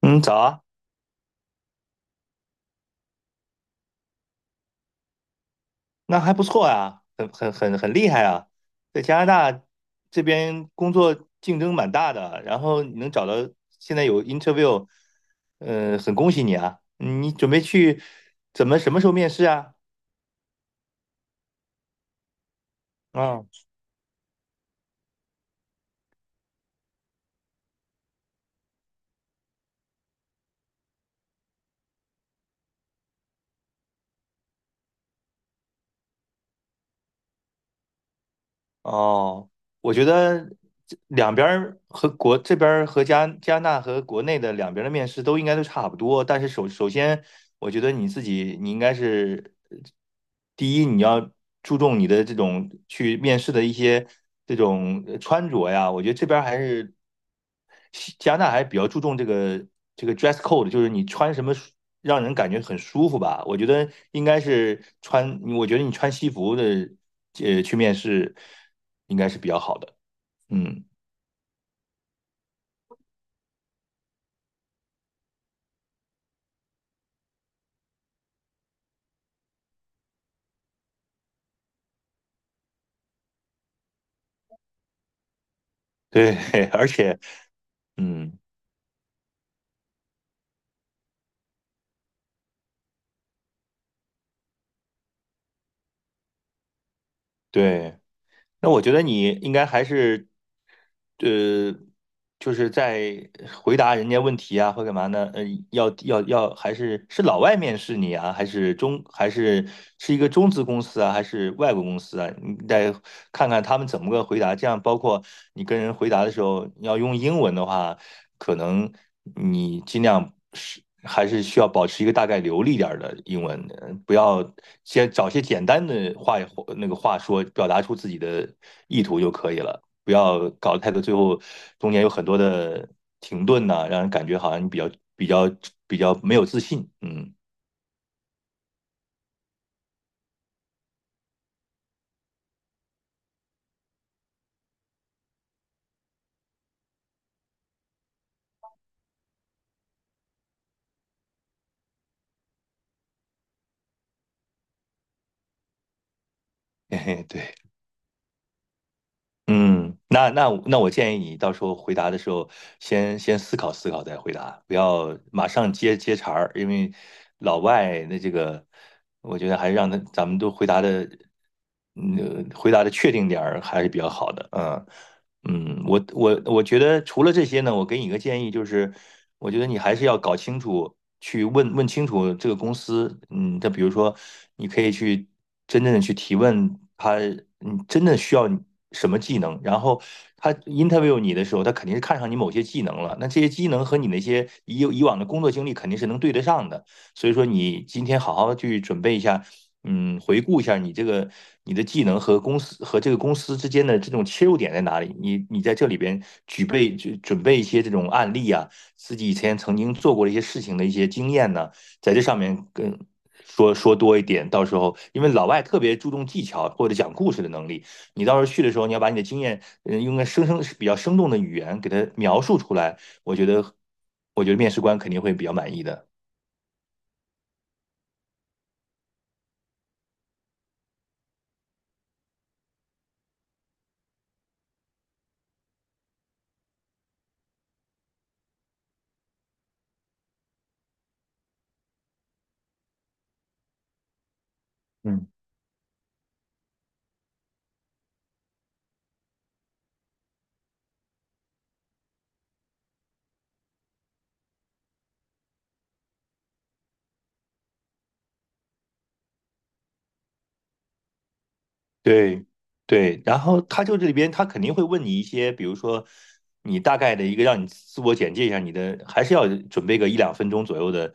嗯，早啊。那还不错呀，很厉害啊。在加拿大这边工作竞争蛮大的，然后你能找到现在有 interview，很恭喜你啊。嗯，你准备去怎么什么时候面试啊？嗯。哦，我觉得这两边儿和国这边儿加拿大和国内的两边儿的面试都应该都差不多，但是首先我觉得你自己，你应该是第一，你要注重你的这种去面试的一些这种穿着呀。我觉得这边儿还是西加拿大还比较注重这个这个 dress code，就是你穿什么让人感觉很舒服吧。我觉得应该是穿，我觉得你穿西服的去面试应该是比较好的。嗯，对。而且嗯，对。那我觉得你应该还是，呃，就是在回答人家问题啊，或干嘛呢？要，还是是老外面试你啊，还是中，还是是一个中资公司啊，还是外国公司啊？你得看看他们怎么个回答。这样，包括你跟人回答的时候，你要用英文的话，可能你尽量是还是需要保持一个大概流利点的英文，不要先找些简单的话那个话说，表达出自己的意图就可以了，不要搞得太多，最后中间有很多的停顿呐、啊，让人感觉好像你比较比较没有自信。嗯。嘿嘿，对。嗯，那我建议你到时候回答的时候先，先思考思考再回答，不要马上接茬儿，因为老外那这个，我觉得还是让他咱们都回答的，嗯，回答的确定点儿还是比较好的。嗯。嗯，我觉得除了这些呢，我给你一个建议，就是我觉得你还是要搞清楚，去问问清楚这个公司，嗯，它比如说你可以去真正的去提问他，嗯，真的需要你什么技能，然后他 interview 你的时候，他肯定是看上你某些技能了，那这些技能和你那些以往的工作经历肯定是能对得上的，所以说你今天好好去准备一下。嗯，回顾一下你这个你的技能和公司和这个公司之间的这种切入点在哪里？你你在这里边举备就准备一些这种案例啊，自己以前曾经做过的一些事情的一些经验呢，在这上面跟说说多一点。到时候因为老外特别注重技巧或者讲故事的能力，你到时候去的时候，你要把你的经验，嗯，用个比较生动的语言给他描述出来。我觉得我觉得面试官肯定会比较满意的。嗯。对对，然后他就这里边他肯定会问你一些，比如说你大概的一个让你自我简介一下你的，还是要准备个一两分钟左右的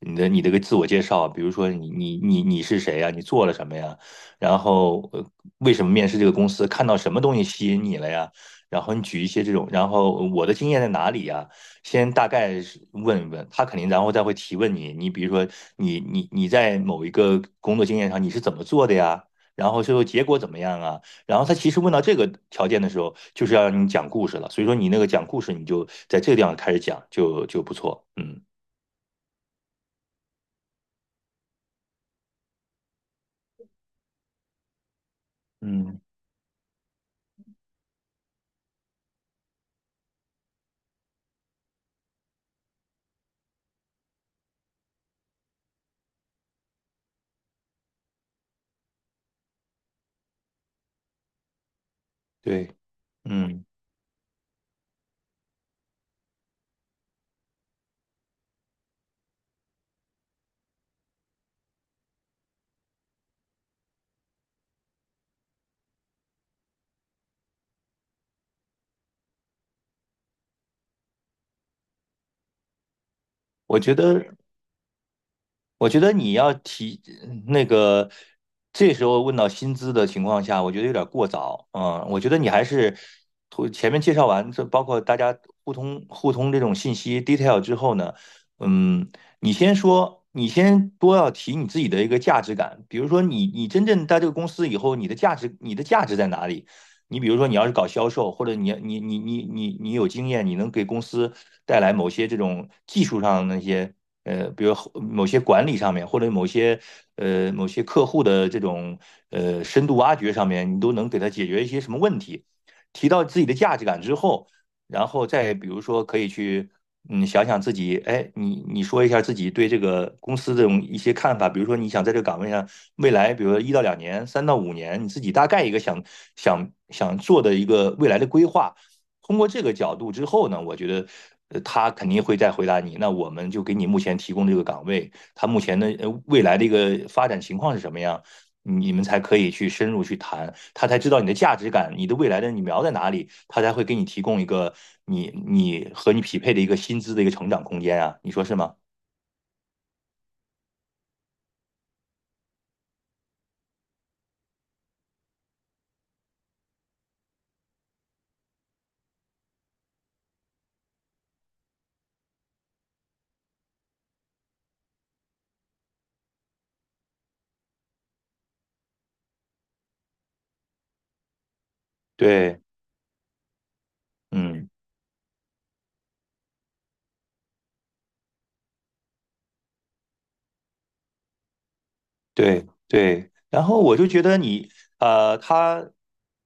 你的个自我介绍。比如说你是谁呀，你做了什么呀，然后为什么面试这个公司，看到什么东西吸引你了呀，然后你举一些这种，然后我的经验在哪里呀，先大概是问一问他肯定，然后再会提问你。你比如说你在某一个工作经验上你是怎么做的呀？然后最后结果怎么样啊？然后他其实问到这个条件的时候，就是要让你讲故事了。所以说你那个讲故事，你就在这个地方开始讲，就不错。嗯。嗯，对。嗯，我觉得我觉得你要提那个，这时候问到薪资的情况下，我觉得有点过早。嗯，我觉得你还是头前面介绍完，这包括大家互通互通这种信息 detail 之后呢，嗯，你先说，你先多要提你自己的一个价值感。比如说你，你真正在这个公司以后，你的价值，你的价值在哪里？你比如说，你要是搞销售，或者你有经验，你能给公司带来某些这种技术上的那些。呃，比如某些管理上面，或者某些某些客户的这种深度挖掘上面，你都能给他解决一些什么问题？提到自己的价值感之后，然后再比如说可以去想想自己。哎，你你说一下自己对这个公司这种一些看法。比如说你想在这个岗位上未来，比如说一到两年、三到五年，你自己大概一个想做的一个未来的规划。通过这个角度之后呢，我觉得他肯定会再回答你。那我们就给你目前提供这个岗位，他目前的未来的一个发展情况是什么样，你们才可以去深入去谈，他才知道你的价值感，你的未来的你瞄在哪里，他才会给你提供一个和你匹配的一个薪资的一个成长空间啊，你说是吗？对。嗯。对对，然后我就觉得你，他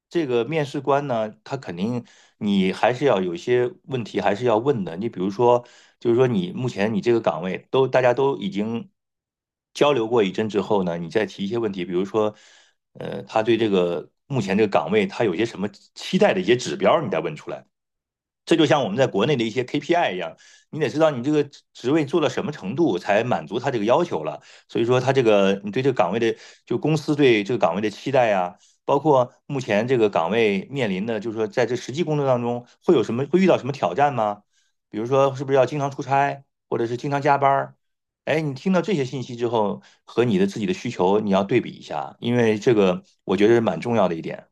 这个面试官呢，他肯定你还是要有一些问题还是要问的。你比如说，就是说你目前你这个岗位都大家都已经交流过一阵之后呢，你再提一些问题。比如说，他对这个目前这个岗位他有些什么期待的一些指标，你再问出来。这就像我们在国内的一些 KPI 一样，你得知道你这个职位做到什么程度才满足他这个要求了。所以说，他这个你对这个岗位的，就公司对这个岗位的期待啊，包括目前这个岗位面临的，就是说在这实际工作当中会有什么，会遇到什么挑战吗？比如说，是不是要经常出差，或者是经常加班。哎，你听到这些信息之后，和你的自己的需求你要对比一下，因为这个我觉得是蛮重要的一点。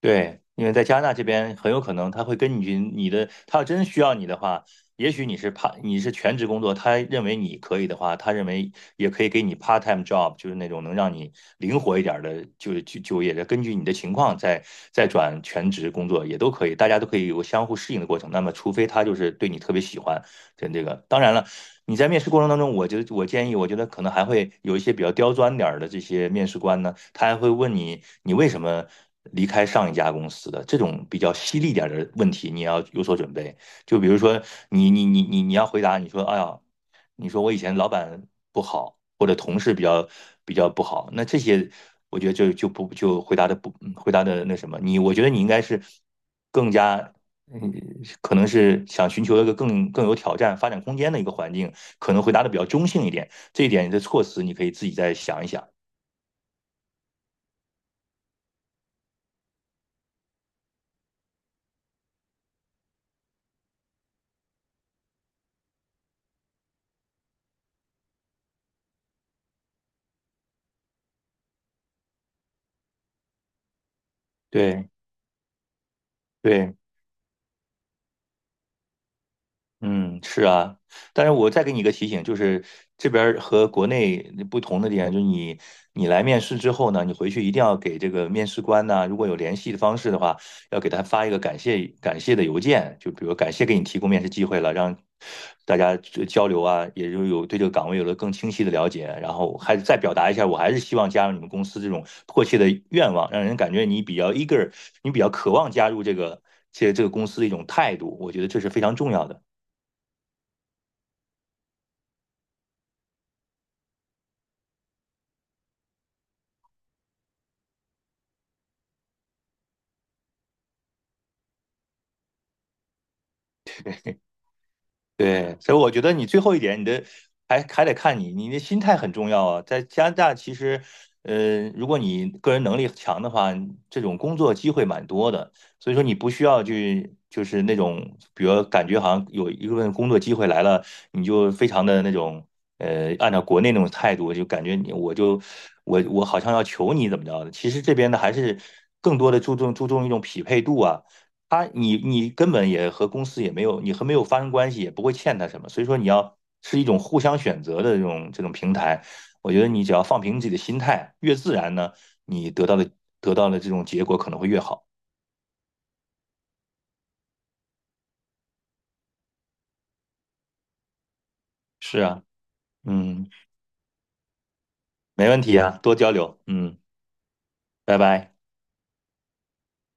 对，因为在加拿大这边很有可能他会根据你的，他要真需要你的话，也许你是 part 你是全职工作，他认为你可以的话，他认为也可以给你 part time job，就是那种能让你灵活一点儿的，就就业的，根据你的情况再再转全职工作也都可以，大家都可以有个相互适应的过程。那么，除非他就是对你特别喜欢，跟这个，当然了，你在面试过程当中，我建议，我觉得可能还会有一些比较刁钻点儿的这些面试官呢，他还会问你，你为什么离开上一家公司的这种比较犀利点儿的问题，你要有所准备。就比如说你要回答，你说哎呀，你说我以前老板不好，或者同事比较不好，那这些我觉得就回答的不回答的那什么，你我觉得你应该是更加。嗯，可能是想寻求一个更有挑战、发展空间的一个环境，可能回答的比较中性一点。这一点的措辞你可以自己再想一想。对对。嗯，是啊。但是我再给你一个提醒，就是这边儿和国内不同的点，就是你来面试之后呢，你回去一定要给这个面试官呢，如果有联系的方式的话，要给他发一个感谢的邮件，就比如感谢给你提供面试机会了，让大家这交流啊，也就有对这个岗位有了更清晰的了解。然后还再表达一下，我还是希望加入你们公司这种迫切的愿望，让人感觉你比较 eager，你比较渴望加入这个这个公司的一种态度，我觉得这是非常重要的。对，所以我觉得你最后一点，你的还得看你，你的心态很重要啊。在加拿大，其实，如果你个人能力强的话，这种工作机会蛮多的。所以说，你不需要去，就是那种，比如感觉好像有一份工作机会来了，你就非常的那种，按照国内那种态度，就感觉你我就我好像要求你怎么着的。其实这边呢，还是更多的注重一种匹配度啊。他你你根本也和公司也没有，你和没有发生关系，也不会欠他什么。所以说你要是一种互相选择的这种平台。我觉得你只要放平自己的心态，越自然呢，你得到的得到的这种结果可能会越好。是啊。嗯。没问题啊，多交流。嗯，拜拜。